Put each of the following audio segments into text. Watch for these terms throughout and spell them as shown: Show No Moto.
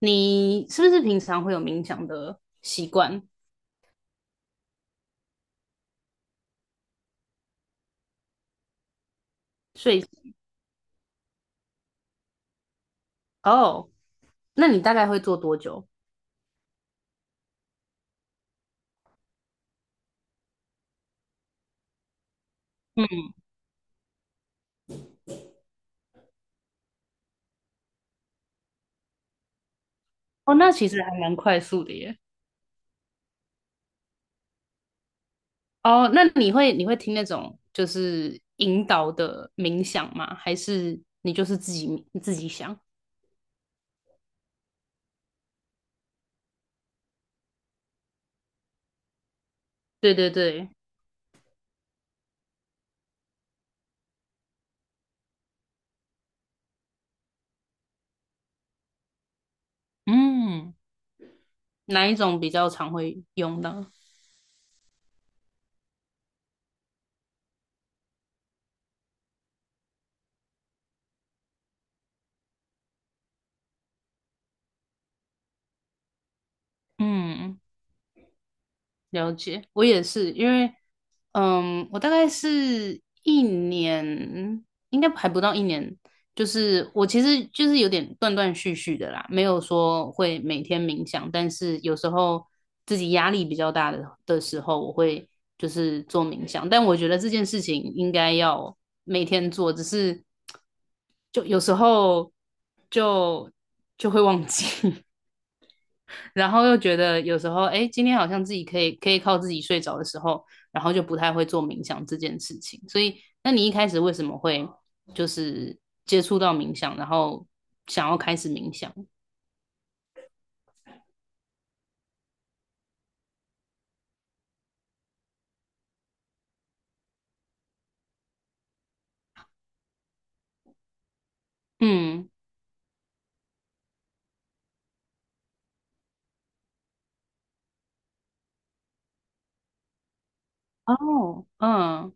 你是不是平常会有冥想的习惯？所以。哦，那你大概会做多久？嗯。哦，那其实还蛮快速的耶。哦，那你会听那种就是引导的冥想吗？还是你就是自己想？对对对。嗯。哪一种比较常会用到？嗯。了解，我也是，因为，我大概是一年，应该还不到一年，就是我其实就是有点断断续续的啦，没有说会每天冥想，但是有时候自己压力比较大的时候，我会就是做冥想，但我觉得这件事情应该要每天做，只是就有时候就就会忘记。然后又觉得有时候，哎，今天好像自己可以靠自己睡着的时候，然后就不太会做冥想这件事情。所以，那你一开始为什么会就是接触到冥想，然后想要开始冥想？嗯。哦。嗯。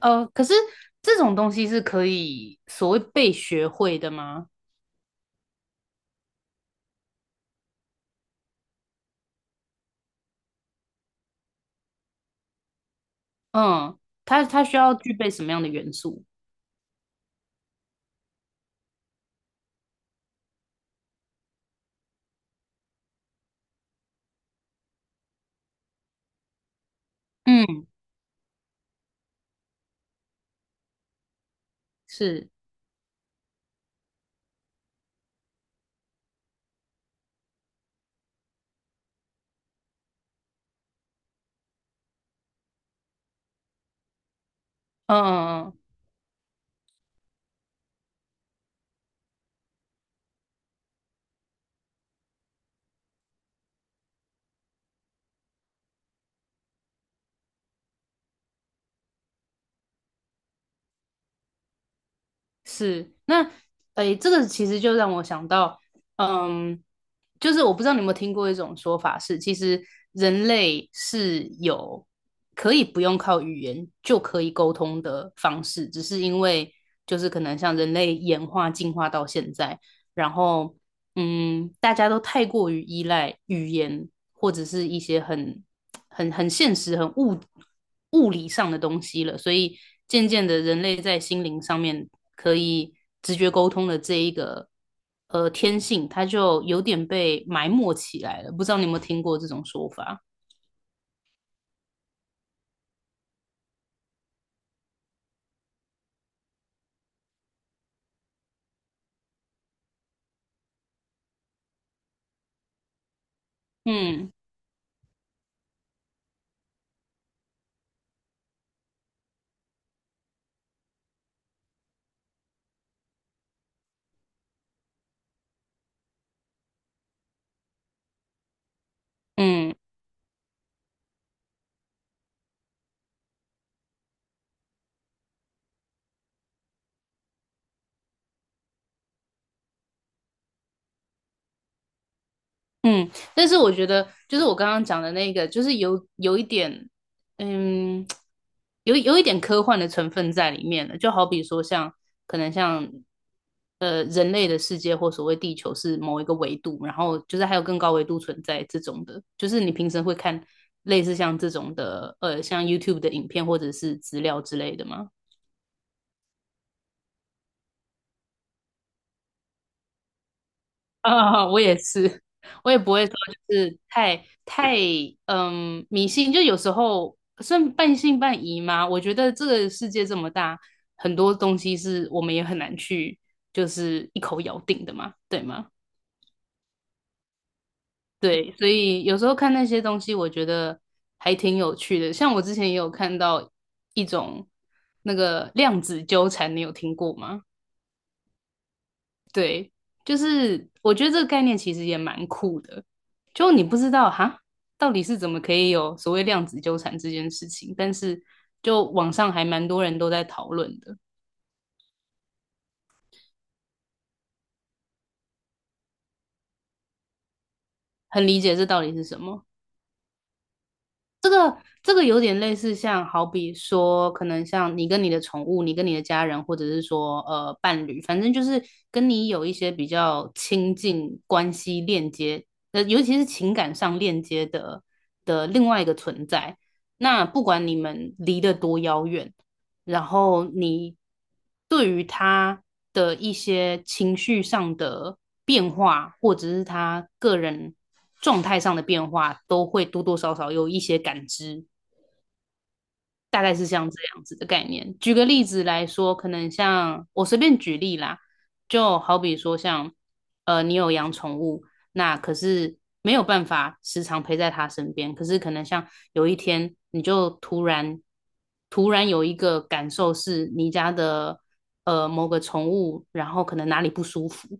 可是这种东西是可以所谓被学会的吗？嗯。它需要具备什么样的元素？嗯，是，嗯嗯嗯，是。那诶，这个其实就让我想到，嗯，就是我不知道你有没有听过一种说法是，其实人类是有可以不用靠语言就可以沟通的方式，只是因为就是可能像人类演化进化到现在，然后大家都太过于依赖语言或者是一些很现实、很物理上的东西了，所以渐渐的，人类在心灵上面可以直觉沟通的这一个天性，它就有点被埋没起来了。不知道你有没有听过这种说法？嗯嗯。嗯，但是我觉得，就是我刚刚讲的那个，就是有一点，嗯，有一点科幻的成分在里面了。就好比说像，可能像，人类的世界或所谓地球是某一个维度，然后就是还有更高维度存在这种的，就是你平时会看类似像这种的，像 YouTube 的影片或者是资料之类的吗？啊、我也是。我也不会说就是太迷信，就有时候算半信半疑嘛。我觉得这个世界这么大，很多东西是我们也很难去就是一口咬定的嘛，对吗？对，所以有时候看那些东西，我觉得还挺有趣的。像我之前也有看到一种那个量子纠缠，你有听过吗？对，就是我觉得这个概念其实也蛮酷的，就你不知道哈，到底是怎么可以有所谓量子纠缠这件事情，但是就网上还蛮多人都在讨论的，很理解这到底是什么。这个有点类似，像好比说，可能像你跟你的宠物，你跟你的家人，或者是说伴侣，反正就是跟你有一些比较亲近关系链接，尤其是情感上链接的另外一个存在。那不管你们离得多遥远，然后你对于他的一些情绪上的变化，或者是他个人状态上的变化，都会多多少少有一些感知。大概是像这样子的概念。举个例子来说，可能像我随便举例啦，就好比说像，你有养宠物，那可是没有办法时常陪在他身边，可是可能像有一天你就突然有一个感受是你家的某个宠物，然后可能哪里不舒服，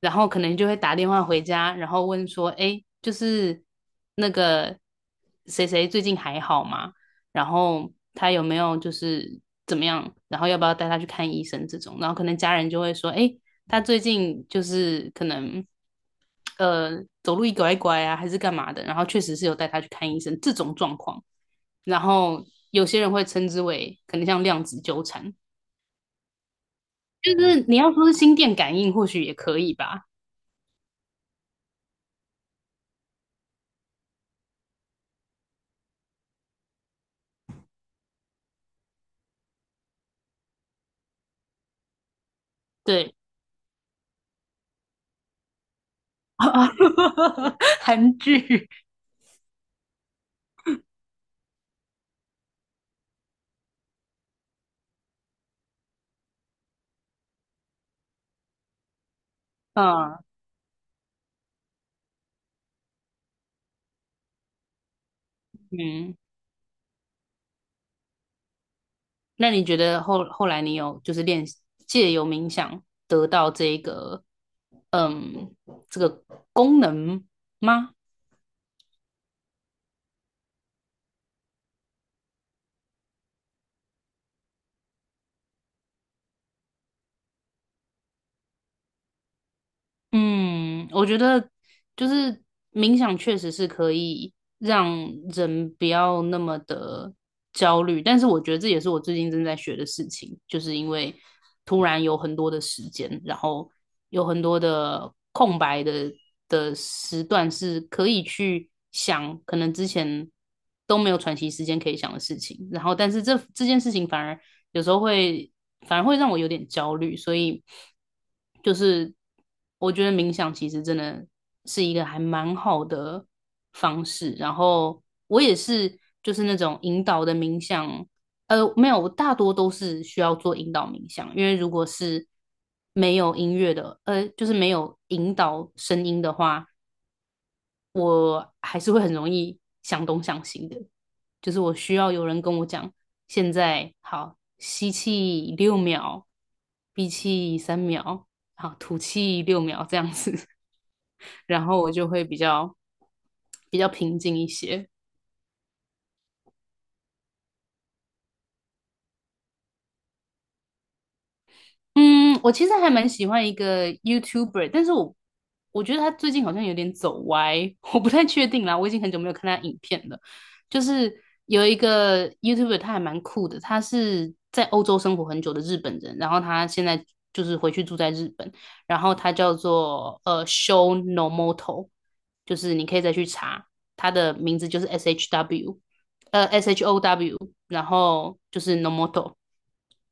然后可能就会打电话回家，然后问说，哎，就是那个谁谁最近还好吗？然后他有没有就是怎么样？然后要不要带他去看医生这种？然后可能家人就会说，哎，他最近就是可能呃走路一拐一拐啊，还是干嘛的？然后确实是有带他去看医生这种状况。然后有些人会称之为可能像量子纠缠，就是你要说是心电感应，或许也可以吧。对。啊，韩剧。 嗯嗯。那你觉得后来你有就是练习借由冥想得到这个嗯这个功能吗？嗯，我觉得就是冥想确实是可以让人不要那么的焦虑，但是我觉得这也是我最近正在学的事情，就是因为突然有很多的时间，然后有很多的空白的时段是可以去想，可能之前都没有喘息时间可以想的事情，然后但是这件事情反而有时候会反而会让我有点焦虑，所以就是我觉得冥想其实真的是一个还蛮好的方式。然后我也是就是那种引导的冥想，没有，我大多都是需要做引导冥想，因为如果是没有音乐的，就是没有引导声音的话。我还是会很容易想东想西的，就是我需要有人跟我讲，现在好，吸气六秒，闭气3秒，好，吐气六秒这样子，然后我就会比较平静一些。嗯，我其实还蛮喜欢一个 YouTuber,但是我觉得他最近好像有点走歪。我不太确定啦，我已经很久没有看他影片了。就是有一个 YouTuber,他还蛮酷的，他是在欧洲生活很久的日本人，然后他现在就是回去住在日本，然后他叫做Show No Moto,就是你可以再去查他的名字，就是 SHW。S H O W,然后就是 Nomoto,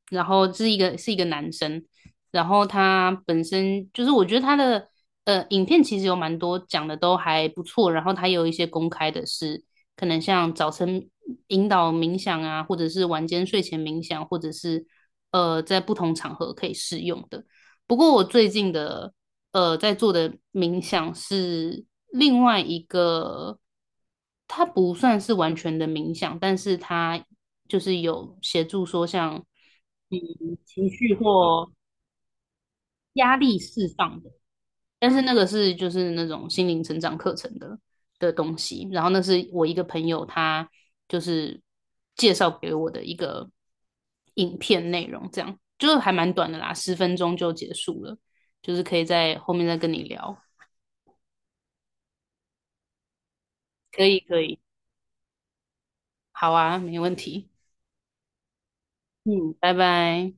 然后是一个男生，然后他本身就是我觉得他的影片其实有蛮多讲的都还不错，然后他有一些公开的是可能像早晨引导冥想啊，或者是晚间睡前冥想，或者是在不同场合可以适用的。不过我最近的在做的冥想是另外一个，它不算是完全的冥想，但是它就是有协助说像嗯情绪或压力释放的，但是那个是就是那种心灵成长课程的东西，然后那是我一个朋友他就是介绍给我的一个影片内容，这样就是还蛮短的啦，10分钟就结束了，就是可以在后面再跟你聊。可以可以，好啊，没问题。嗯，拜拜。